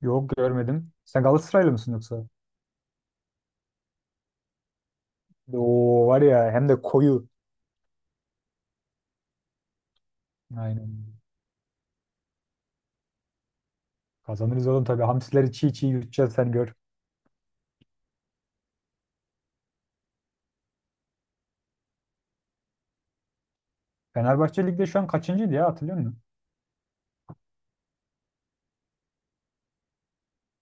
Yok, görmedim. Sen Galatasaraylı mısın yoksa? Oo, var ya hem de koyu. Aynen. Kazanırız oğlum tabii. Hamsileri çiğ çiğ yutacağız sen gör. Fenerbahçe Lig'de şu an kaçıncıydı ya, hatırlıyor musun?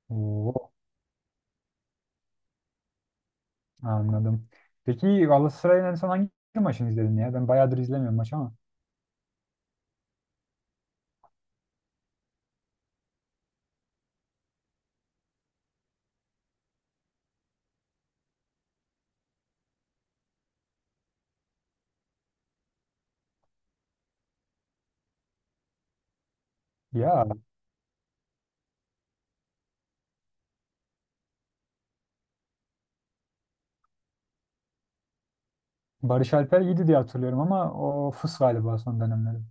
Oo, anladım. Peki, Galatasaray'ın en son hangi maçını izledin ya? Ben bayağıdır izlemiyorum maç ama. Ya, Barış Alper iyiydi diye hatırlıyorum ama o fıs galiba son dönemleri.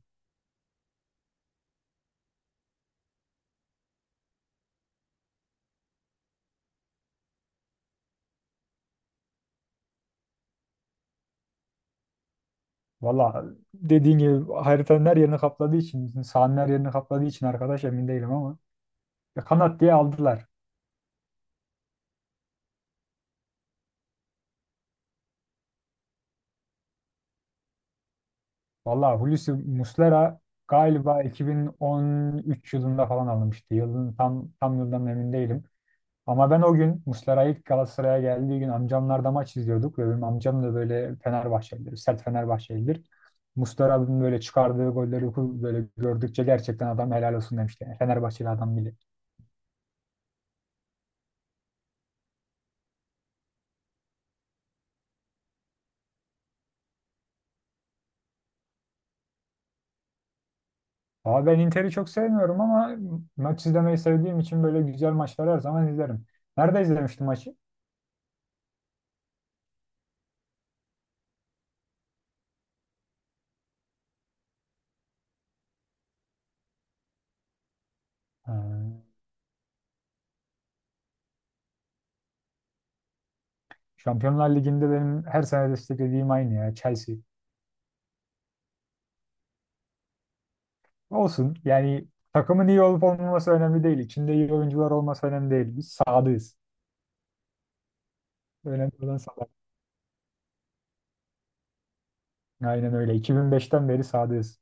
Valla, dediğin gibi haritanın her yerini kapladığı için, sahanın her yerini kapladığı için arkadaş emin değilim ama. Ya, kanat diye aldılar. Valla Hulusi Muslera galiba 2013 yılında falan alınmıştı. Yılın tam yıldan emin değilim. Ama ben o gün Muslera ilk Galatasaray'a geldiği gün amcamlarda maç izliyorduk ve benim amcam da böyle Fenerbahçelidir, sert Fenerbahçelidir. Muslera'nın böyle çıkardığı golleri böyle gördükçe gerçekten adam helal olsun demişti. Yani Fenerbahçeli adam bile. Ama ben Inter'i çok sevmiyorum ama maç izlemeyi sevdiğim için böyle güzel maçları her zaman izlerim. Nerede izlemiştim maçı? Ha. Şampiyonlar Ligi'nde benim her sene desteklediğim aynı ya, Chelsea. Olsun, yani takımın iyi olup olmaması önemli değil. İçinde iyi oyuncular olması önemli değil. Biz sadığız. Önemli olan sadık. Aynen öyle. 2005'ten beri sadığız.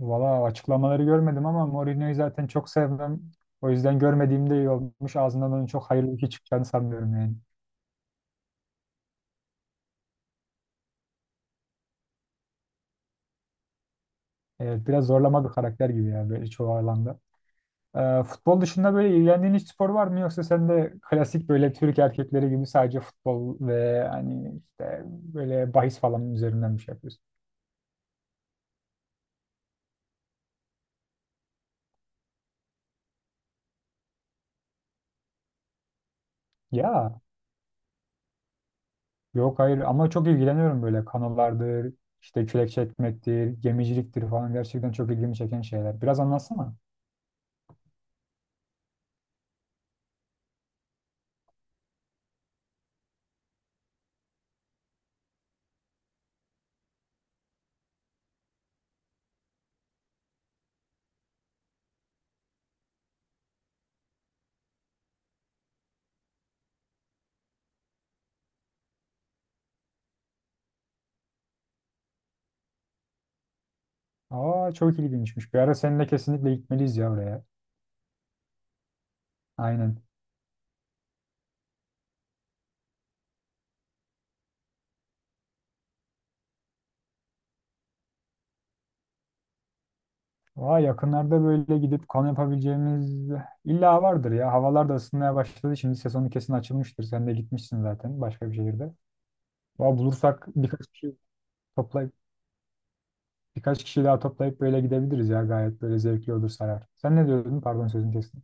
Valla açıklamaları görmedim ama Mourinho'yu zaten çok sevmem. O yüzden görmediğimde iyi olmuş. Ağzından onun çok hayırlı bir şey çıkacağını sanmıyorum yani. Evet, biraz zorlama bir karakter gibi ya, böyle çoğu alanda. Futbol dışında böyle ilgilendiğin hiç spor var mı, yoksa sen de klasik böyle Türk erkekleri gibi sadece futbol ve hani işte böyle bahis falan üzerinden bir şey yapıyorsun? Ya, yok, hayır, ama çok ilgileniyorum böyle kanolardır, işte kürek çekmektir, gemiciliktir falan, gerçekten çok ilgimi çeken şeyler. Biraz anlatsana. Aa, çok ilginçmiş. Bir ara seninle kesinlikle gitmeliyiz ya oraya. Aynen. Aa, yakınlarda böyle gidip kamp yapabileceğimiz illa vardır ya. Havalar da ısınmaya başladı. Şimdi sezonu kesin açılmıştır. Sen de gitmişsin zaten başka bir şehirde. Aa, bulursak toplayıp birkaç kişi daha toplayıp böyle gidebiliriz ya. Gayet böyle zevkli olur, sarar. Sen ne diyordun? Pardon, sözünü kestim.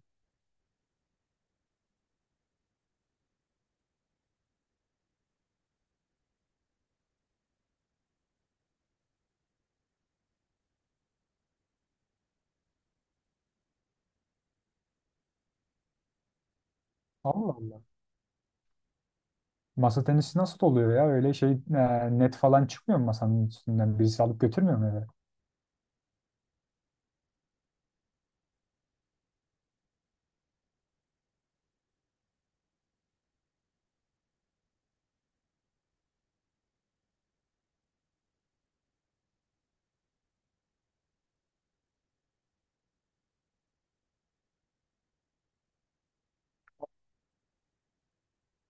Allah Allah. Masa tenisi nasıl oluyor ya? Öyle şey net falan çıkmıyor mu masanın üstünden? Birisi alıp götürmüyor mu eve?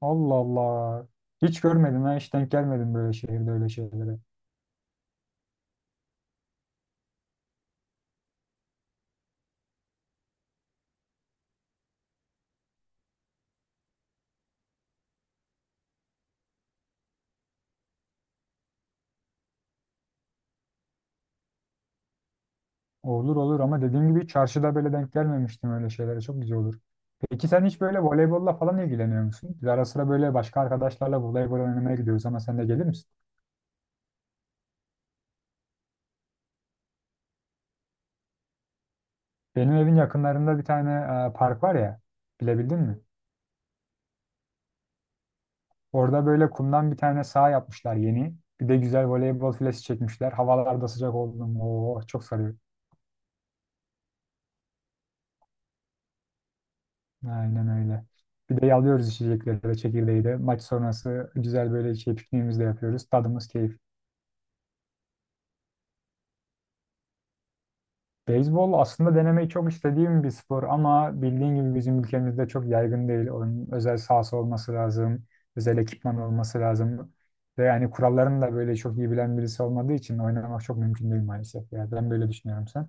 Allah Allah. Hiç görmedim ha. Hiç denk gelmedim böyle şehirde öyle şeylere. Olur olur, ama dediğim gibi çarşıda böyle denk gelmemiştim öyle şeylere. Çok güzel olur. Peki, sen hiç böyle voleybolla falan ilgileniyor musun? Biz ara sıra böyle başka arkadaşlarla voleybol oynamaya gidiyoruz, ama sen de gelir misin? Benim evin yakınlarında bir tane park var ya. Bilebildin mi? Orada böyle kumdan bir tane saha yapmışlar yeni. Bir de güzel voleybol filesi çekmişler. Havalar da sıcak oldu mu, oo, çok sarıyor. Aynen öyle. Bir de yalıyoruz içecekleri de, çekirdeği de. Maç sonrası güzel böyle şey, pikniğimizi de yapıyoruz. Tadımız keyif. Beyzbol aslında denemeyi çok istediğim bir spor, ama bildiğin gibi bizim ülkemizde çok yaygın değil. Onun özel sahası olması lazım. Özel ekipman olması lazım. Ve yani kurallarını da böyle çok iyi bilen birisi olmadığı için oynamak çok mümkün değil maalesef. Yani ben böyle düşünüyorum, sen.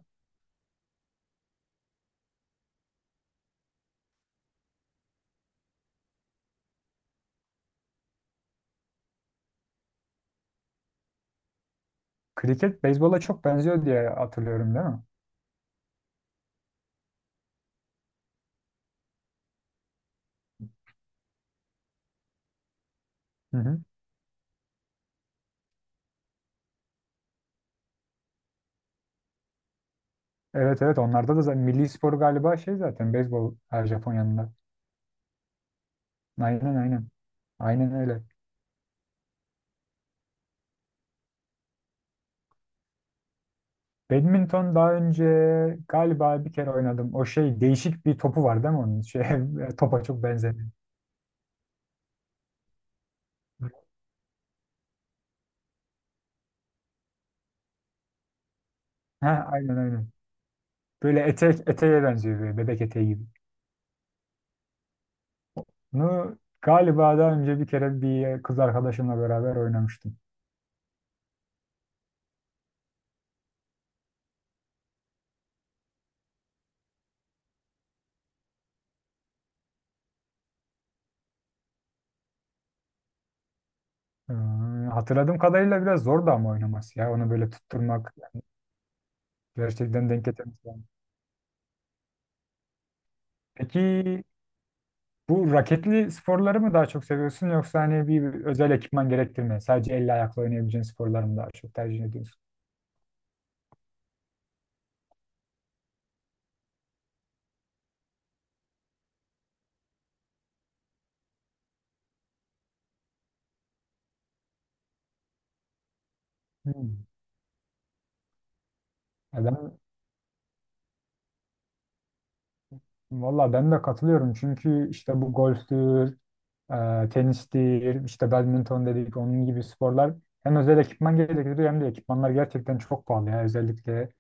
Kriket beyzbola çok benziyor diye hatırlıyorum, değil mi? Hı hı. Evet, evet, onlarda da zaten milli spor galiba, şey zaten beyzbol her Japonya'nın. Aynen, aynen. Aynen öyle. Badminton daha önce galiba bir kere oynadım. O şey, değişik bir topu var değil mi onun? Şey, topa çok benzemiyor. Ha, aynen, aynen. Böyle etek, eteğe benziyor, böyle bebek eteği gibi. Bunu galiba daha önce bir kere bir kız arkadaşımla beraber oynamıştım. Ee, Hatırladığım kadarıyla biraz zor da ama oynaması ya. Onu böyle tutturmak, gerçekten denk getirmek lazım. Peki, bu raketli sporları mı daha çok seviyorsun, yoksa hani bir özel ekipman gerektirmeyen sadece elle ayakla oynayabileceğin sporları mı daha çok tercih ediyorsun? Hmm. Ya, valla ben de katılıyorum, çünkü işte bu golftür, tenis değil, işte badminton dedik, onun gibi sporlar hem özel ekipman gerektiriyor hem de ekipmanlar gerçekten çok pahalı ya. Özellikle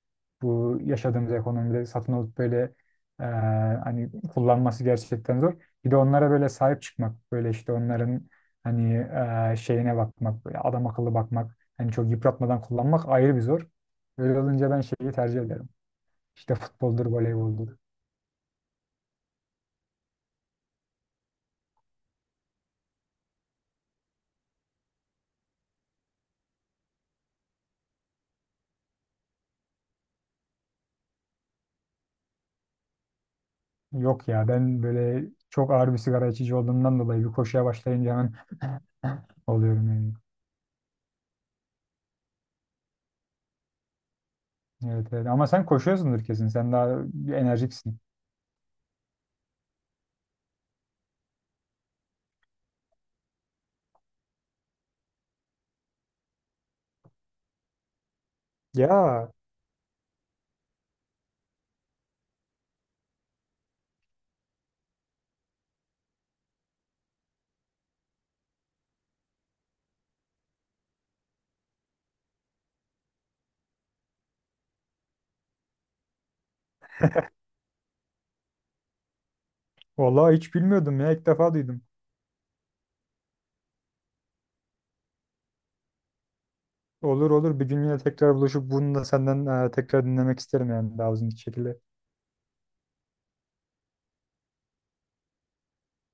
bu yaşadığımız ekonomide satın alıp böyle e, hani kullanması gerçekten zor. Bir de onlara böyle sahip çıkmak, böyle işte onların hani şeyine bakmak, böyle adam akıllı bakmak, hani çok yıpratmadan kullanmak ayrı bir zor. Öyle olunca ben şeyi tercih ederim. İşte futboldur, voleyboldur. Yok ya, ben böyle çok ağır bir sigara içici olduğumdan dolayı bir koşuya başlayınca hemen oluyorum yani. Evet, evet. Ama sen koşuyorsundur kesin. Sen daha enerjiksin. Ya vallahi hiç bilmiyordum ya, ilk defa duydum. Olur olur, bir gün yine tekrar buluşup bunu da senden tekrar dinlemek isterim yani, daha uzun şekilde.